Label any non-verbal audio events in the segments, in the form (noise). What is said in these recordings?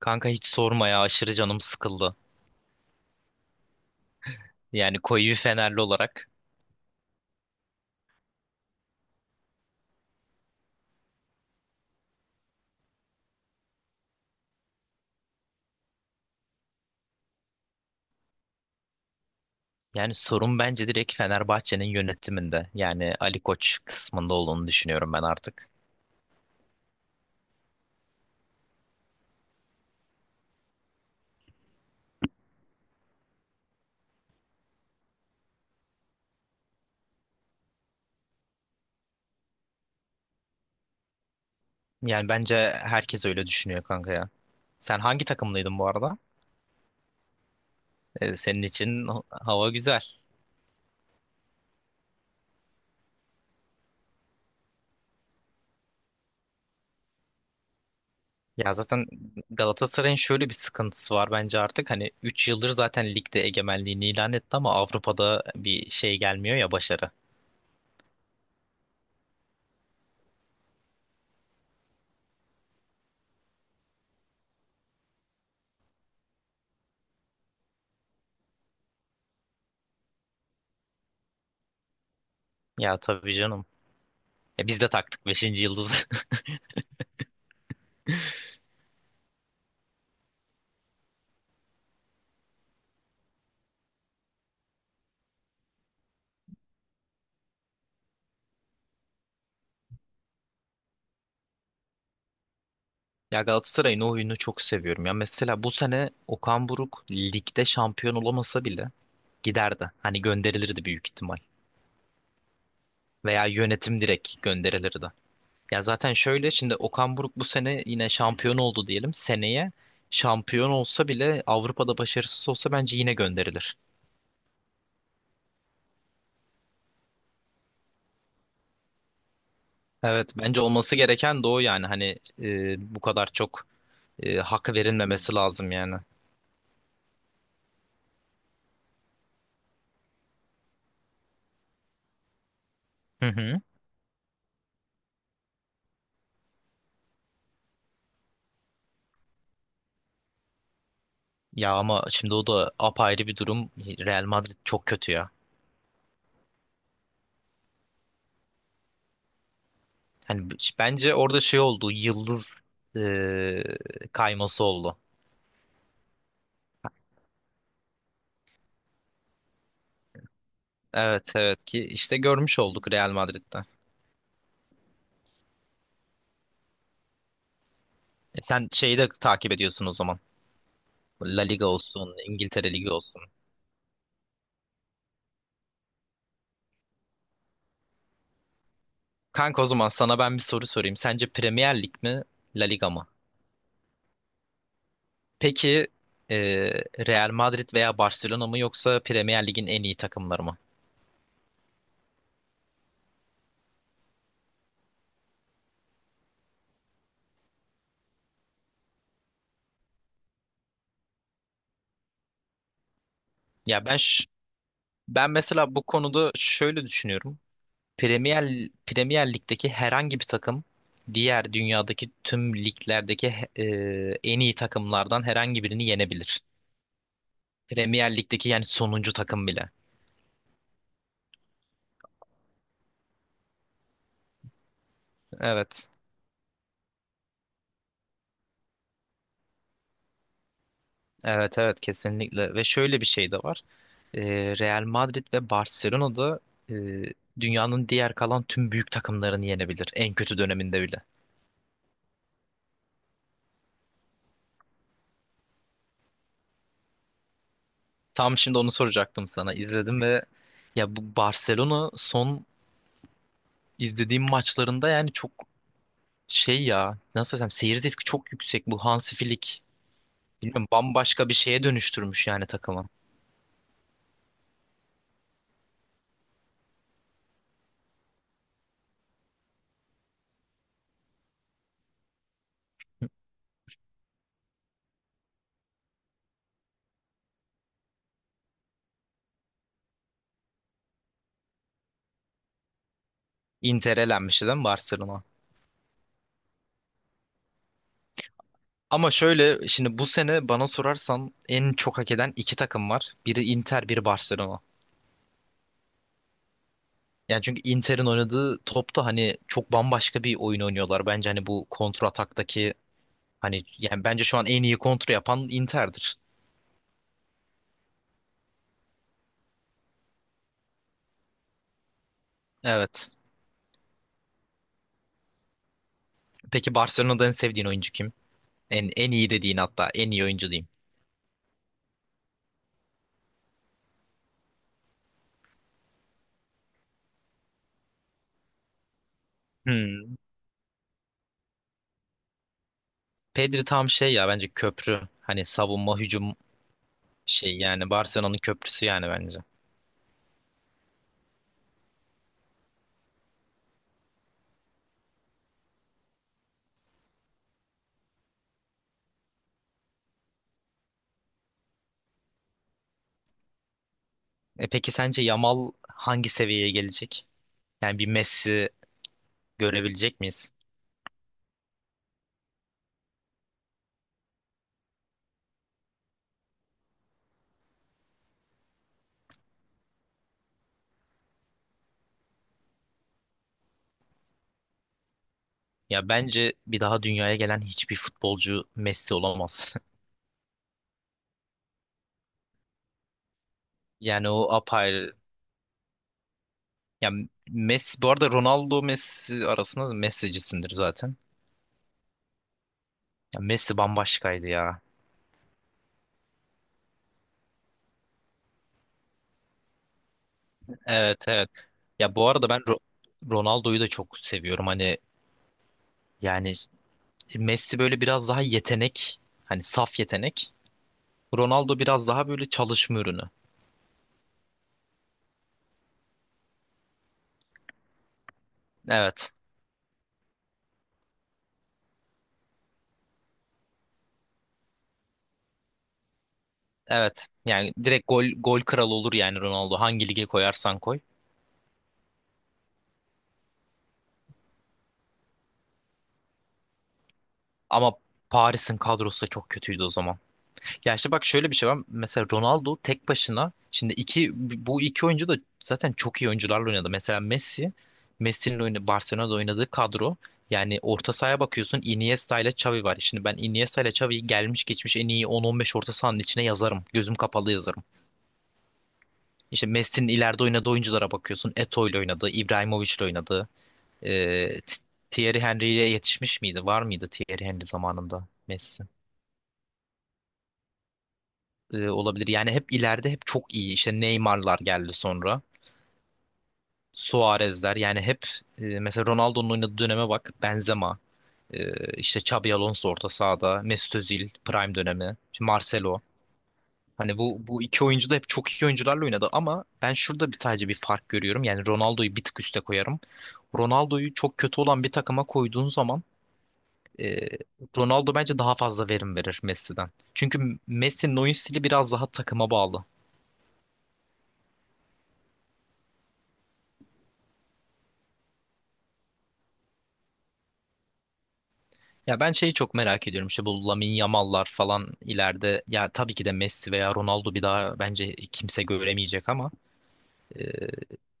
Kanka hiç sorma ya aşırı canım sıkıldı. Yani koyu bir Fenerli olarak. Yani sorun bence direkt Fenerbahçe'nin yönetiminde. Yani Ali Koç kısmında olduğunu düşünüyorum ben artık. Yani bence herkes öyle düşünüyor kanka ya. Sen hangi takımlıydın bu arada? Senin için hava güzel. Ya zaten Galatasaray'ın şöyle bir sıkıntısı var bence artık. Hani 3 yıldır zaten ligde egemenliğini ilan etti ama Avrupa'da bir şey gelmiyor ya başarı. Ya tabii canım. Ya biz de taktık beşinci yıldızı. Ya Galatasaray'ın o oyunu çok seviyorum. Ya mesela bu sene Okan Buruk ligde şampiyon olamasa bile giderdi. Hani gönderilirdi büyük ihtimal. Veya yönetim direkt gönderilirdi. Ya zaten şöyle şimdi Okan Buruk bu sene yine şampiyon oldu diyelim. Seneye şampiyon olsa bile Avrupa'da başarısız olsa bence yine gönderilir. Evet, bence olması gereken de o yani hani bu kadar çok hak verilmemesi lazım yani. Hı hı. Ya ama şimdi o da apayrı bir durum. Real Madrid çok kötü ya. Hani bence orada şey oldu. Yıldız eee, kayması oldu. Evet, evet ki işte görmüş olduk Real Madrid'de. Sen şeyi de takip ediyorsun o zaman. La Liga olsun, İngiltere Ligi olsun. Kanka, o zaman sana ben bir soru sorayım. Sence Premier Lig mi, La Liga mı? Peki Real Madrid veya Barcelona mı, yoksa Premier Lig'in en iyi takımları mı? Ya ben mesela bu konuda şöyle düşünüyorum. Premier Lig'deki herhangi bir takım diğer dünyadaki tüm liglerdeki en iyi takımlardan herhangi birini yenebilir. Premier Lig'deki yani sonuncu takım bile. Evet. Evet, evet, kesinlikle ve şöyle bir şey de var. E, Real Madrid ve Barcelona da e, dünyanın diğer kalan tüm büyük takımlarını yenebilir en kötü döneminde bile. Tam şimdi onu soracaktım sana. İzledim ve ya, bu Barcelona son izlediğim maçlarında yani çok şey, ya nasıl desem, seyir zevki çok yüksek bu Hansi Flick. Bilmiyorum, bambaşka bir şeye dönüştürmüş yani takımı. Inter elenmişti değil mi Barcelona? Ama şöyle, şimdi bu sene bana sorarsan en çok hak eden iki takım var. Biri Inter, biri Barcelona. Yani çünkü Inter'in oynadığı topta hani çok bambaşka bir oyun oynuyorlar. Bence hani bu kontra ataktaki hani, yani bence şu an en iyi kontra yapan Inter'dir. Evet. Peki Barcelona'da en sevdiğin oyuncu kim? En iyi dediğin, hatta en iyi oyuncu diyeyim. Hmm. Pedri tam şey ya, bence köprü. Hani savunma, hücum şey yani Barcelona'nın köprüsü yani bence. Peki sence Yamal hangi seviyeye gelecek? Yani bir Messi görebilecek miyiz? Ya bence bir daha dünyaya gelen hiçbir futbolcu Messi olamaz. (laughs) Yani o apayrı. Ya Messi, bu arada Ronaldo Messi arasında da Messi'cisindir zaten. Ya Messi bambaşkaydı ya. Evet, evet. Ya bu arada ben Ronaldo'yu da çok seviyorum. Hani, yani şimdi Messi böyle biraz daha yetenek, hani saf yetenek. Ronaldo biraz daha böyle çalışma ürünü. Evet. Evet. Yani direkt gol kralı olur yani Ronaldo. Hangi lige koyarsan koy. Ama Paris'in kadrosu da çok kötüydü o zaman. Ya işte bak, şöyle bir şey var. Mesela Ronaldo tek başına şimdi bu iki oyuncu da zaten çok iyi oyuncularla oynadı. Mesela Messi'nin oyunu, Barcelona'da oynadığı kadro, yani orta sahaya bakıyorsun Iniesta ile Xavi var. Şimdi ben Iniesta ile Xavi'yi gelmiş geçmiş en iyi 10-15 orta sahanın içine yazarım. Gözüm kapalı yazarım. İşte Messi'nin ileride oynadığı oyunculara bakıyorsun. Eto'o ile oynadığı, Ibrahimovic ile oynadığı. Ee, T- Thierry Henry'ye yetişmiş miydi? Var mıydı Thierry Henry zamanında? Olabilir. Yani hep ileride hep çok iyi. İşte Neymar'lar geldi sonra. Suarez'ler yani hep mesela Ronaldo'nun oynadığı döneme bak. Benzema, e, işte Xabi Alonso orta sahada, Mesut Özil prime dönemi, şimdi Marcelo. Hani bu iki oyuncu da hep çok iyi oyuncularla oynadı ama ben şurada sadece bir fark görüyorum. Yani Ronaldo'yu bir tık üste koyarım. Ronaldo'yu çok kötü olan bir takıma koyduğun zaman e, Ronaldo bence daha fazla verim verir Messi'den. Çünkü Messi'nin oyun stili biraz daha takıma bağlı. Ya ben şeyi çok merak ediyorum işte, bu Lamine Yamal'lar falan ileride, ya tabii ki de Messi veya Ronaldo bir daha bence kimse göremeyecek ama e,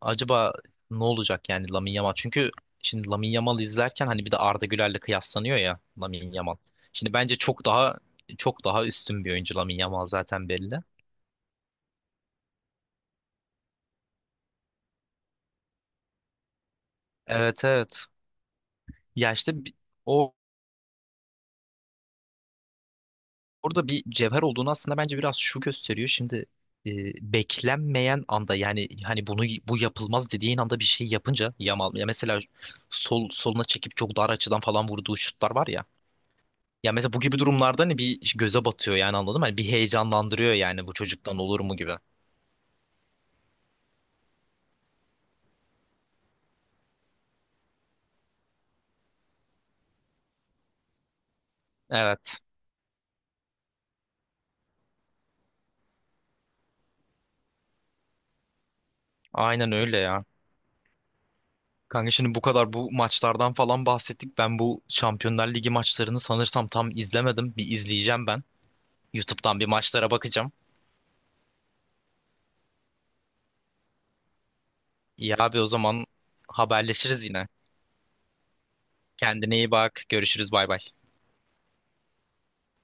acaba ne olacak yani Lamine Yamal? Çünkü şimdi Lamine Yamal izlerken hani bir de Arda Güler'le kıyaslanıyor ya Lamine Yamal. Şimdi bence çok daha üstün bir oyuncu Lamine Yamal, zaten belli. Evet, evet. Ya işte bi- o orada bir cevher olduğunu aslında bence biraz şu gösteriyor. Şimdi e, beklenmeyen anda yani hani bu yapılmaz dediğin anda bir şey yapınca Yamal, ya mesela soluna çekip çok dar açıdan falan vurduğu şutlar var ya. Ya mesela bu gibi durumlarda hani bir göze batıyor yani, anladın mı? Hani bir heyecanlandırıyor yani, bu çocuktan olur mu gibi. Evet. Aynen öyle ya. Kanka şimdi bu kadar bu maçlardan falan bahsettik. Ben bu Şampiyonlar Ligi maçlarını sanırsam tam izlemedim. Bir izleyeceğim ben. YouTube'dan bir maçlara bakacağım. İyi abi, o zaman haberleşiriz yine. Kendine iyi bak. Görüşürüz, bay bay.